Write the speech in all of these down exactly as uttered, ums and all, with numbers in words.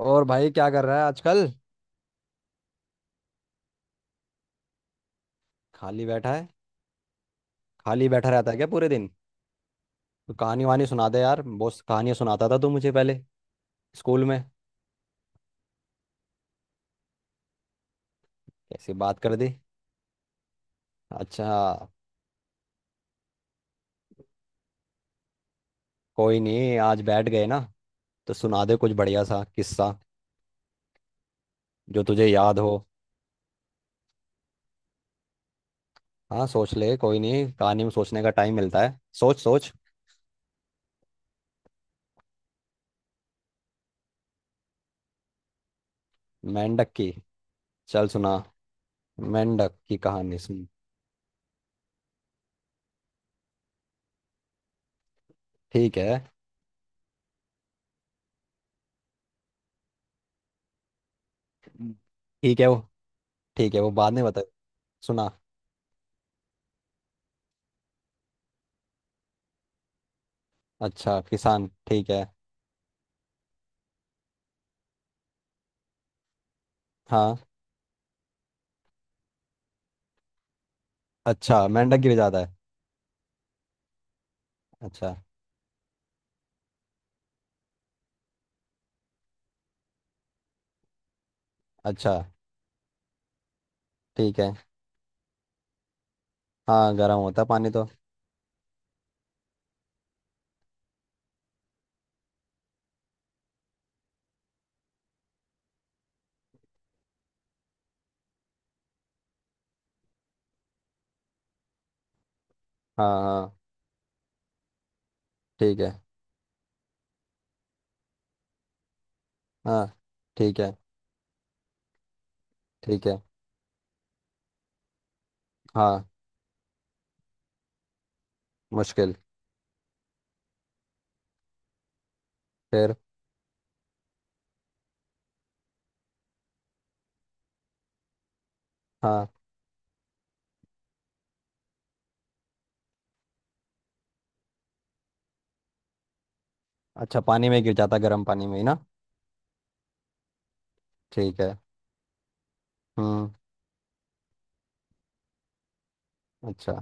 और भाई क्या कर रहा है आजकल। खाली बैठा है। खाली बैठा रहता है क्या पूरे दिन? तो कहानी वानी सुना दे यार, बहुत कहानियां सुनाता था तू मुझे पहले, स्कूल में। कैसी बात कर दी। अच्छा। कोई नहीं, आज बैठ गए ना, तो सुना दे कुछ बढ़िया सा किस्सा जो तुझे याद हो। हाँ, सोच ले, कोई नहीं, कहानी में सोचने का टाइम मिलता है, सोच सोच। मेंढक की? चल सुना। मेंढक की कहानी सुन। ठीक है। हम्म। ठीक है वो ठीक है वो बाद में बता। सुना। अच्छा, किसान, ठीक है। हाँ। अच्छा, मेंढक गिर जाता है। अच्छा। अच्छा। ठीक है। हाँ, गर्म होता है पानी तो। हाँ हाँ। ठीक है। हाँ। ठीक है। ठीक है। हाँ। मुश्किल। फिर? हाँ। अच्छा, पानी में गिर जाता है, गर्म पानी में ही ना। ठीक है। हम्म। अच्छा।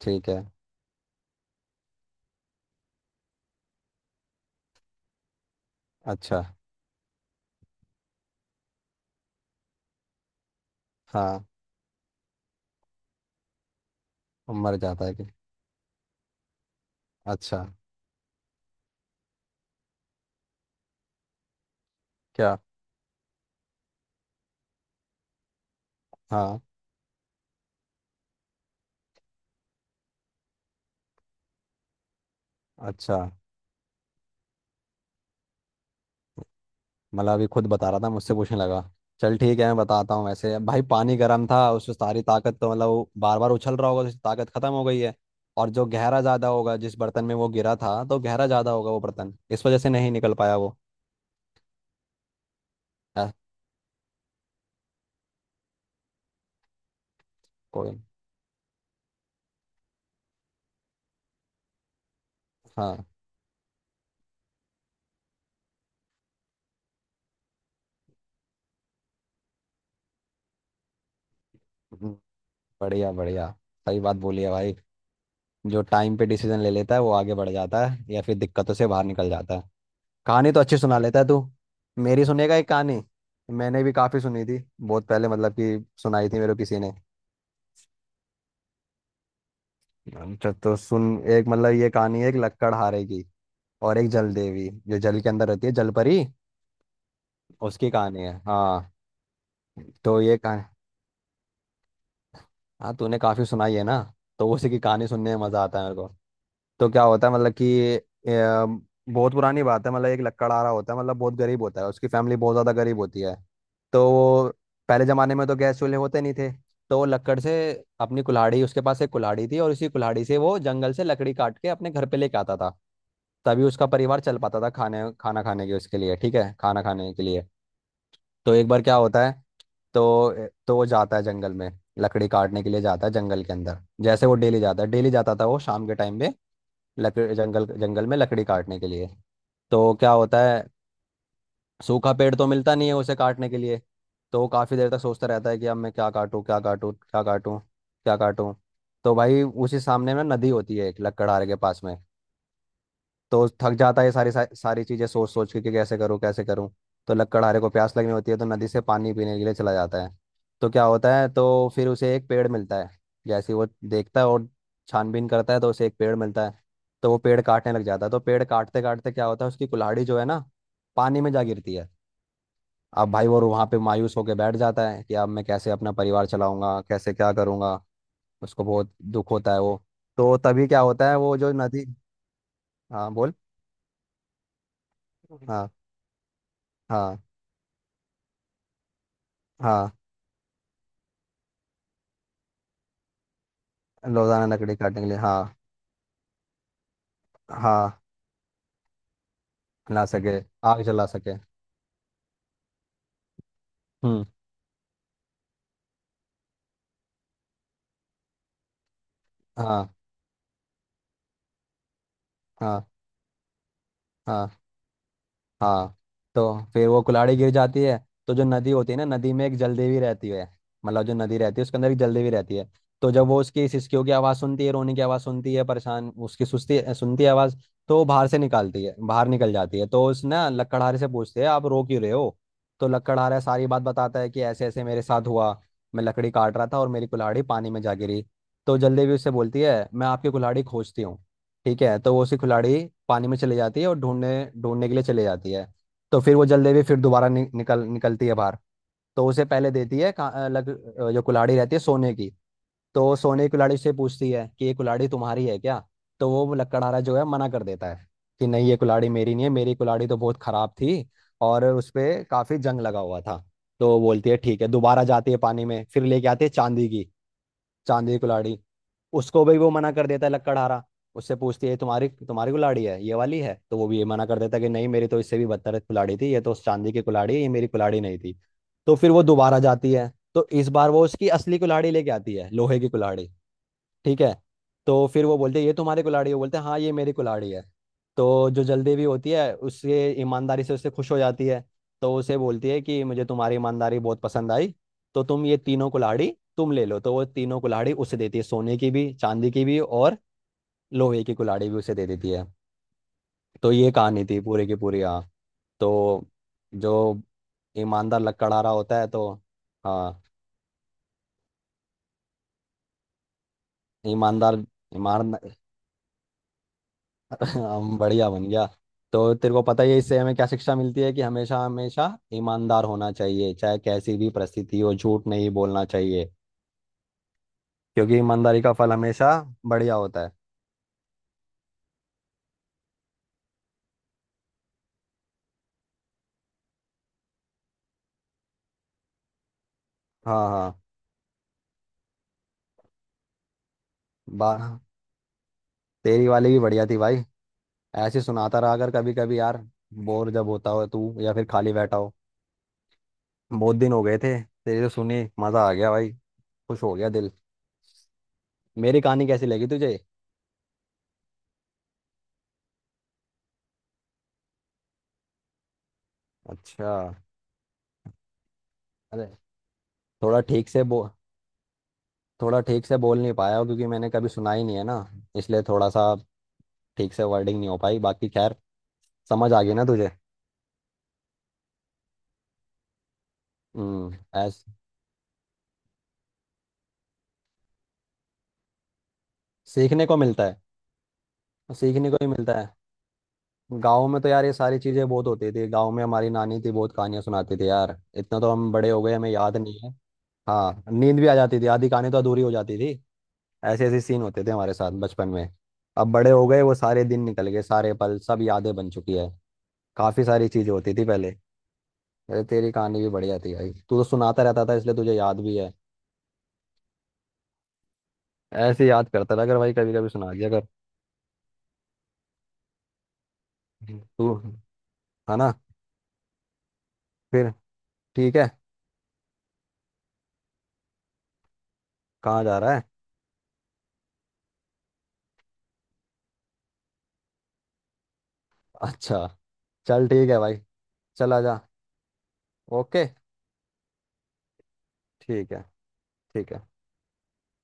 ठीक है। अच्छा। हाँ। मर जाता है कि? अच्छा। क्या? हाँ। अच्छा। मतलब अभी खुद बता रहा था, मुझसे पूछने लगा। चल ठीक है, मैं बताता हूँ, वैसे भाई पानी गर्म था उससे सारी ताकत तो मतलब वो बार बार उछल रहा होगा तो उसकी ताकत खत्म हो गई है। और जो गहरा ज़्यादा होगा जिस बर्तन में वो गिरा था, तो गहरा ज़्यादा होगा वो बर्तन, इस वजह से नहीं निकल पाया वो। अ, कोई। हाँ। हम्म, बढ़िया बढ़िया। सही बात बोली है भाई। जो टाइम पे डिसीजन ले लेता है वो आगे बढ़ जाता है, या फिर दिक्कतों से बाहर निकल जाता है। कहानी तो अच्छी सुना लेता है तू। मेरी सुनेगा एक कहानी? मैंने भी काफ़ी सुनी थी बहुत पहले, मतलब कि सुनाई थी मेरे को किसी ने। अच्छा तो सुन। एक, मतलब ये कहानी है एक लक्कड़हारे की। और एक जल देवी जो जल के अंदर रहती है, जलपरी। उसकी कहानी है, हाँ। तो ये कहानी। हाँ, तूने काफी सुनाई है ना। तो उसी की कहानी सुनने में मजा आता है मेरे को। तो क्या होता है, मतलब कि अम, बहुत पुरानी बात है, मतलब एक लकड़हारा होता है, मतलब बहुत गरीब होता है, उसकी फैमिली बहुत ज़्यादा गरीब होती है। तो वो, पहले ज़माने में तो गैस चूल्हे होते नहीं थे। तो वो लकड़ से, अपनी कुल्हाड़ी, उसके पास एक कुल्हाड़ी थी, और इसी कुल्हाड़ी से वो जंगल से लकड़ी काट के अपने घर पे लेके आता था। तभी उसका परिवार चल पाता था खाने, खाना खाने के उसके लिए, ठीक है, खाना खाने के लिए। तो एक बार क्या होता है, तो तो वो जाता है जंगल में, लकड़ी काटने के लिए जाता है जंगल के अंदर। जैसे वो डेली जाता है, डेली जाता था वो शाम के टाइम में, लकड़ी जंगल जंगल में लकड़ी काटने के लिए। तो क्या होता है, सूखा पेड़ तो मिलता नहीं है उसे काटने के लिए। तो वो काफ़ी देर तक सोचता रहता है कि अब मैं क्या काटूं क्या काटूं क्या काटूं क्या काटूं। तो भाई उसी सामने में नदी होती है, एक लकड़हारे के पास में। तो थक जाता है ये सारी सारी सारी चीजें सोच सोच के कि कैसे करूँ कैसे करूँ। तो लकड़हारे को प्यास लगनी होती है, तो नदी से पानी पीने के लिए चला जाता है। तो क्या होता है, तो फिर उसे एक पेड़ मिलता है। जैसे ही वो देखता है और छानबीन करता है, तो उसे एक पेड़ मिलता है। तो वो पेड़ काटने लग जाता है, तो पेड़ काटते काटते क्या होता है, उसकी कुल्हाड़ी जो है ना, पानी में जा गिरती है। अब भाई वो वहाँ पे मायूस होकर बैठ जाता है कि अब मैं कैसे अपना परिवार चलाऊंगा, कैसे क्या करूंगा। उसको बहुत दुख होता है वो। तो तभी क्या होता है, वो जो नदी। हाँ बोल। हम्म। हाँ। हाँ। हाँ। रोजाना लकड़ी काटने के लिए, हाँ। हाँ। ला सके, आग जला सके। हम्म। हाँ। हाँ। हाँ। हाँ। तो फिर वो कुल्हाड़ी गिर जाती है। तो जो नदी होती है ना, नदी में एक जलदेवी रहती है। मतलब जो नदी रहती है उसके अंदर एक जलदेवी रहती है। तो जब वो उसकी सिसकियों की आवाज़ सुनती है, रोने की आवाज़ सुनती है, परेशान उसकी सुस्ती सुनती है आवाज़। तो वो बाहर से निकालती है, बाहर निकल जाती है, तो उस ना लकड़हारे से पूछते हैं, आप रो क्यों रहे हो? तो लकड़हारा सारी बात बताता है कि ऐसे ऐसे मेरे साथ हुआ, मैं लकड़ी काट रहा था और मेरी कुल्हाड़ी पानी में जा गिरी। तो जलदेवी उससे बोलती है, मैं आपकी कुल्हाड़ी खोजती हूँ, ठीक है। तो वो उसकी खिलाड़ी पानी में चली जाती है और ढूंढने ढूंढने के लिए चली जाती है। तो फिर वो जल्दी भी फिर दोबारा नि, निकल निकलती है बाहर। तो उसे पहले देती है का- अ, लग अ, जो कुल्हाड़ी रहती है सोने की। तो सोने की कुल्हाड़ी से पूछती है कि ये कुल्हाड़ी तुम्हारी है क्या? तो वो लकड़हारा जो है मना कर देता है कि नहीं, ये कुल्हाड़ी मेरी नहीं है, मेरी कुल्हाड़ी तो बहुत खराब थी और उस पे काफी जंग लगा हुआ था। तो बोलती है ठीक है, दोबारा जाती है पानी में, फिर लेके आती है चांदी की, चांदी की कुल्हाड़ी। उसको भी वो मना कर देता है लकड़हारा। उससे पूछती है तुम्हारी तुम्हारी कुल्हाड़ी है ये वाली है? तो वो भी ये मना कर देता है कि नहीं, मेरी तो इससे भी बदतर कुल्हाड़ी थी, ये तो चांदी की कुल्हाड़ी है, ये मेरी कुल्हाड़ी नहीं थी। तो फिर वो दोबारा जाती है, तो इस बार वो उसकी असली कुल्हाड़ी लेके आती है, लोहे की कुल्हाड़ी। ठीक है। तो फिर वो बोलते हैं ये तुम्हारी कुल्हाड़ी है, बोलते हैं हाँ ये मेरी कुल्हाड़ी है। तो जो जल्दीवी होती है उससे ईमानदारी से उससे खुश हो जाती है। तो उसे बोलती है कि मुझे तुम्हारी ईमानदारी बहुत पसंद आई, तो तुम ये तीनों कुल्हाड़ी तुम ले लो। तो वो तीनों कुल्हाड़ी उसे देती है, सोने की भी, चांदी की भी, और लोहे की कुल्हाड़ी भी उसे दे देती है। तो ये कहानी थी पूरी की पूरी, हाँ। तो जो ईमानदार लकड़हारा होता है तो, हाँ। ईमानदार, ईमान, हम, बढ़िया बन गया। तो तेरे को पता ही है इससे हमें क्या शिक्षा मिलती है कि हमेशा हमेशा ईमानदार होना चाहिए, चाहे कैसी भी परिस्थिति हो, झूठ नहीं बोलना चाहिए। क्योंकि ईमानदारी का फल हमेशा बढ़िया होता है। हाँ हाँ। बा तेरी वाली भी बढ़िया थी भाई। ऐसे सुनाता रहा अगर कभी कभी यार, बोर जब होता हो तू या फिर खाली बैठा हो। बहुत दिन हो गए थे, तेरी तो सुनी मजा आ गया भाई, खुश हो गया दिल। मेरी कहानी कैसी लगी तुझे? अच्छा। अरे, थोड़ा ठीक से बो थोड़ा ठीक से बोल नहीं पाया हूँ, क्योंकि मैंने कभी सुना ही नहीं है ना, इसलिए थोड़ा सा ठीक से वर्डिंग नहीं हो पाई, बाकी खैर। समझ आ गई ना तुझे? हम्म। ऐस सीखने को मिलता है, सीखने को ही मिलता है। गाँव में तो यार ये सारी चीज़ें बहुत होती थी, गाँव में हमारी नानी थी बहुत कहानियाँ सुनाती थी यार, इतना तो हम बड़े हो गए हमें याद नहीं है। हाँ, नींद भी आ जाती थी, आधी कहानी तो अधूरी हो जाती थी। ऐसे ऐसे सीन होते थे हमारे साथ बचपन में। अब बड़े हो गए, वो सारे दिन निकल गए, सारे पल सब यादें बन चुकी है। काफ़ी सारी चीज़ें होती थी पहले। अरे, तेरी कहानी भी बढ़िया थी भाई, तू तो सुनाता रहता था इसलिए तुझे याद भी है। ऐसे याद करता रहा कर भाई, कभी कभी सुना दिया कर तू, है ना? फिर, ठीक है। कहाँ जा रहा है? अच्छा, चल ठीक है भाई, चला जा। ओके, ठीक है, ठीक है।